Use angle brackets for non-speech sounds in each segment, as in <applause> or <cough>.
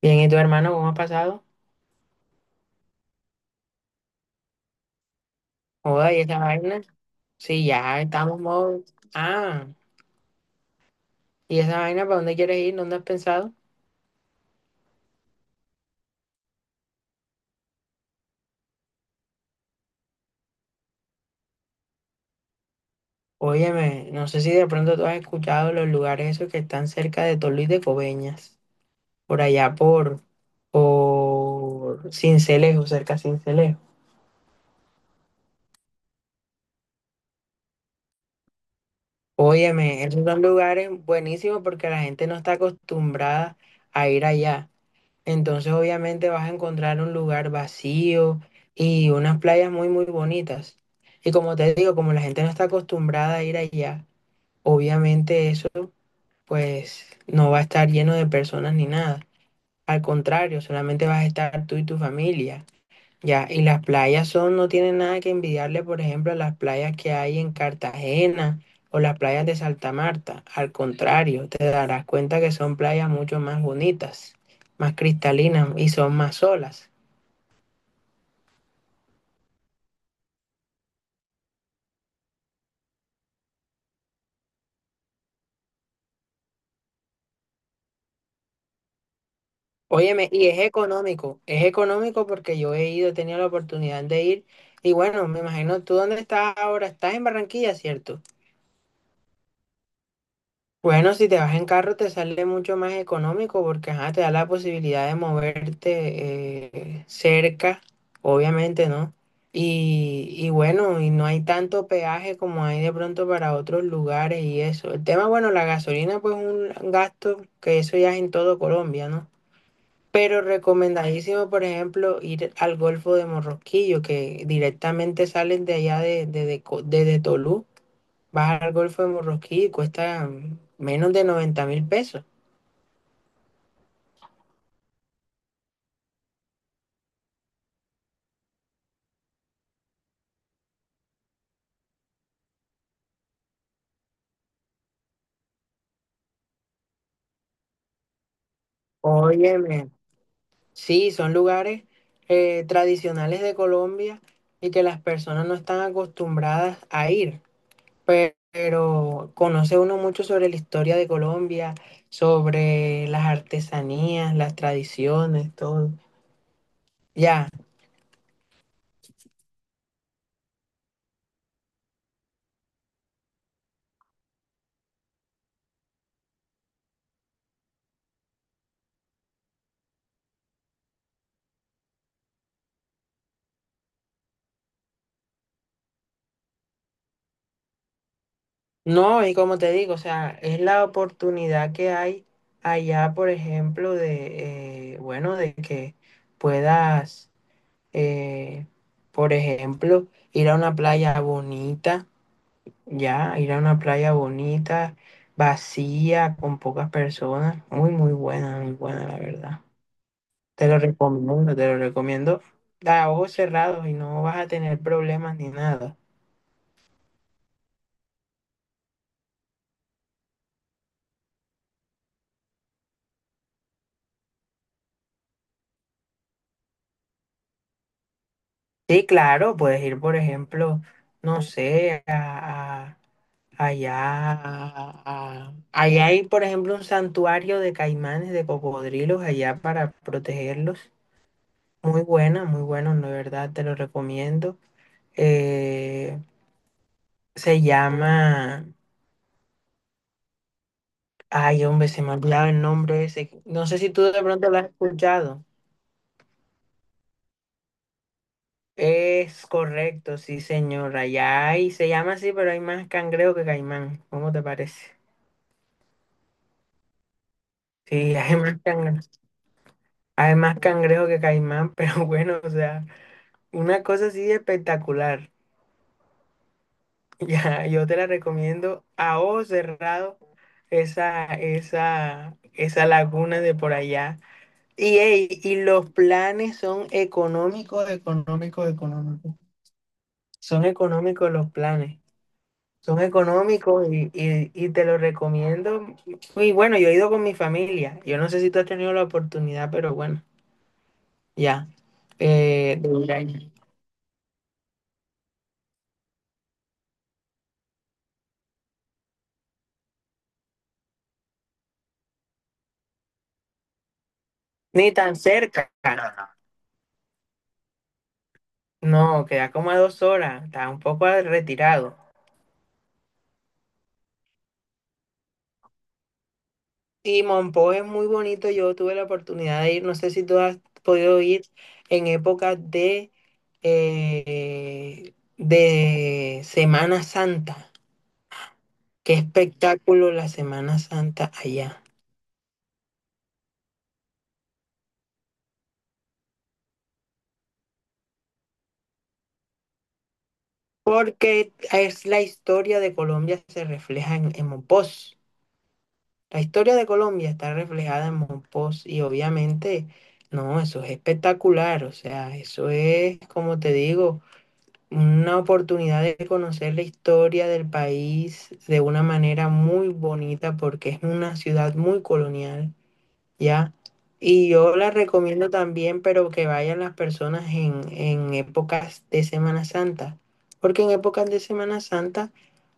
Bien, ¿y tu hermano cómo ha pasado? Joda, ¿y esa vaina? Sí, ya estamos modo. Ah, ¿y esa vaina para dónde quieres ir? ¿Dónde has pensado? Óyeme, no sé si de pronto tú has escuchado los lugares esos que están cerca de Tolú y de Coveñas, por allá por Cincelejo, cerca de Cincelejo. Óyeme, esos son lugares buenísimos porque la gente no está acostumbrada a ir allá. Entonces obviamente vas a encontrar un lugar vacío y unas playas muy muy bonitas. Y como te digo, como la gente no está acostumbrada a ir allá, obviamente eso pues no va a estar lleno de personas ni nada. Al contrario, solamente vas a estar tú y tu familia. Ya, y las playas son, no tienen nada que envidiarle, por ejemplo, a las playas que hay en Cartagena o las playas de Santa Marta. Al contrario, te darás cuenta que son playas mucho más bonitas, más cristalinas y son más olas. Óyeme, y es económico porque yo he ido, he tenido la oportunidad de ir. Y bueno, me imagino tú dónde estás ahora, estás en Barranquilla, ¿cierto? Bueno, si te vas en carro te sale mucho más económico porque ajá, te da la posibilidad de moverte cerca, obviamente, ¿no? Y bueno, y no hay tanto peaje como hay de pronto para otros lugares y eso. El tema, bueno, la gasolina pues es un gasto que eso ya es en todo Colombia, ¿no? Pero recomendadísimo, por ejemplo, ir al Golfo de Morrosquillo, que directamente salen de allá desde Tolú. Vas al Golfo de Morroquí y cuesta menos de 90.000 pesos. Óyeme, sí, son lugares tradicionales de Colombia y que las personas no están acostumbradas a ir, pero, conoce uno mucho sobre la historia de Colombia, sobre las artesanías, las tradiciones, todo. Ya, no, y como te digo, o sea, es la oportunidad que hay allá, por ejemplo, bueno, de que puedas eh, por ejemplo, ir a una playa bonita, ya, ir a una playa bonita, vacía, con pocas personas. Muy, muy buena, la verdad. Te lo recomiendo a ojos cerrados y no vas a tener problemas ni nada. Sí, claro, puedes ir, por ejemplo, no sé, allá hay, por ejemplo, un santuario de caimanes, de cocodrilos allá para protegerlos. Muy buena, muy bueno de verdad te lo recomiendo. Eh, Se llama, ay hombre, se me ha olvidado el nombre ese. No sé si tú de pronto lo has escuchado. Es correcto, sí señora. Allá hay, se llama así, pero hay más cangrejo que caimán. ¿Cómo te parece? Sí, <laughs> hay más cangrejo que caimán, pero bueno, o sea, una cosa así espectacular. <laughs> Ya, yo te la recomiendo a ojos cerrado esa laguna de por allá. Y, ey, y los planes son económicos, económicos, económicos. Son económicos los planes. Son económicos y te los recomiendo. Y bueno, yo he ido con mi familia. Yo no sé si tú has tenido la oportunidad, pero bueno, ya. De ir ahí. Ni tan cerca. No, no, no. No, queda como a 2 horas. Está un poco retirado. Sí, Monpó es muy bonito. Yo tuve la oportunidad de ir. No sé si tú has podido ir en época de Semana Santa. Qué espectáculo la Semana Santa allá. Porque es la historia de Colombia se refleja en Mompós. La historia de Colombia está reflejada en Mompós y obviamente, no, eso es espectacular. O sea, eso es, como te digo, una oportunidad de conocer la historia del país de una manera muy bonita porque es una ciudad muy colonial, ¿ya? Y yo la recomiendo también, pero que vayan las personas en épocas de Semana Santa, porque en épocas de Semana Santa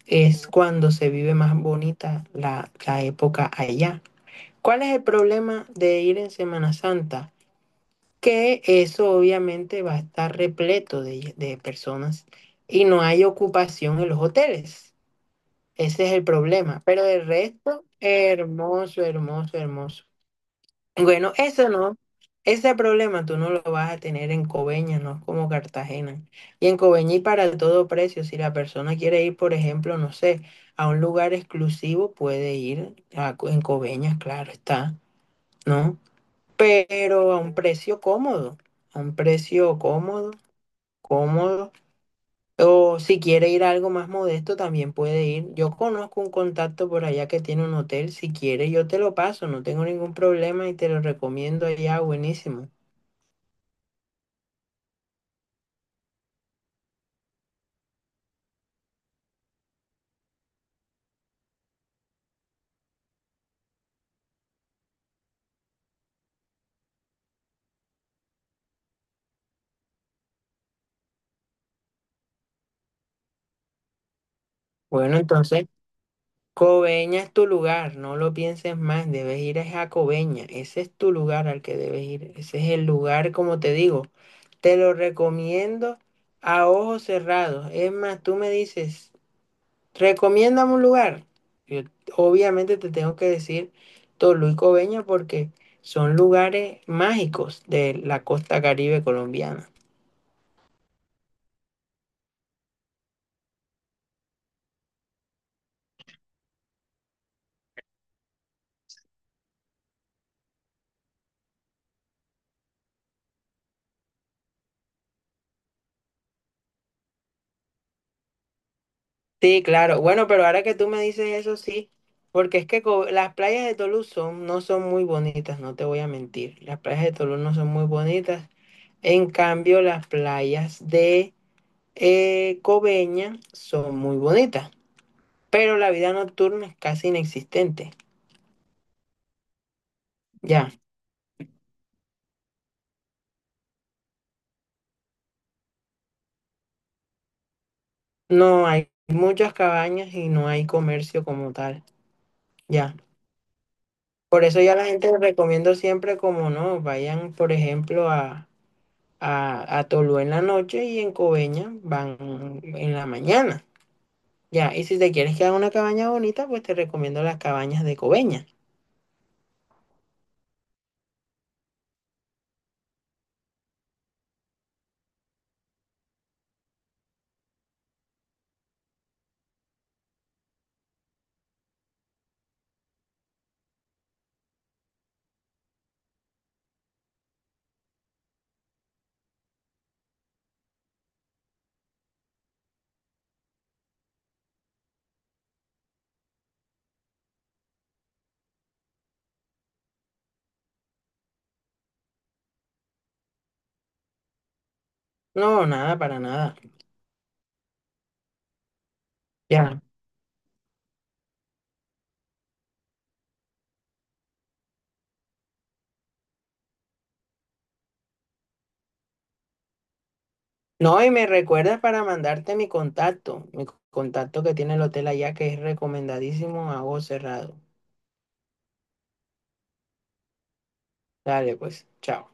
es cuando se vive más bonita la época allá. ¿Cuál es el problema de ir en Semana Santa? Que eso obviamente va a estar repleto de personas y no hay ocupación en los hoteles. Ese es el problema. Pero el resto, hermoso, hermoso, hermoso. Bueno, eso no, ese problema tú no lo vas a tener en Coveñas, no es como Cartagena. Y en Coveñas y para todo precio, si la persona quiere ir, por ejemplo, no sé, a un lugar exclusivo, puede ir en Coveñas, claro está, ¿no? Pero a un precio cómodo, a un precio cómodo, cómodo. O si quiere ir a algo más modesto, también puede ir. Yo conozco un contacto por allá que tiene un hotel. Si quiere, yo te lo paso, no tengo ningún problema y te lo recomiendo allá, buenísimo. Bueno, entonces, Coveña es tu lugar, no lo pienses más, debes ir es a Coveña. Ese es tu lugar al que debes ir. Ese es el lugar, como te digo, te lo recomiendo a ojos cerrados. Es más, tú me dices, recomiéndame un lugar. Yo, obviamente te tengo que decir Tolú y Coveñas porque son lugares mágicos de la costa Caribe colombiana. Sí, claro. Bueno, pero ahora que tú me dices eso, sí, porque es que Co- las playas de Tolú no son muy bonitas, no te voy a mentir. Las playas de Tolú no son muy bonitas. En cambio, las playas de Coveñas son muy bonitas, pero la vida nocturna es casi inexistente. Ya. No, hay muchas cabañas y no hay comercio como tal, ya. Por eso ya la gente les recomiendo siempre como no, vayan, por ejemplo, a Tolú en la noche y en Coveña van en la mañana, ya. Y si te quieres quedar en una cabaña bonita, pues te recomiendo las cabañas de Coveña. No, nada, para nada, ya. No, y me recuerdas para mandarte mi contacto que tiene el hotel allá, que es recomendadísimo a vos cerrado. Dale, pues, chao.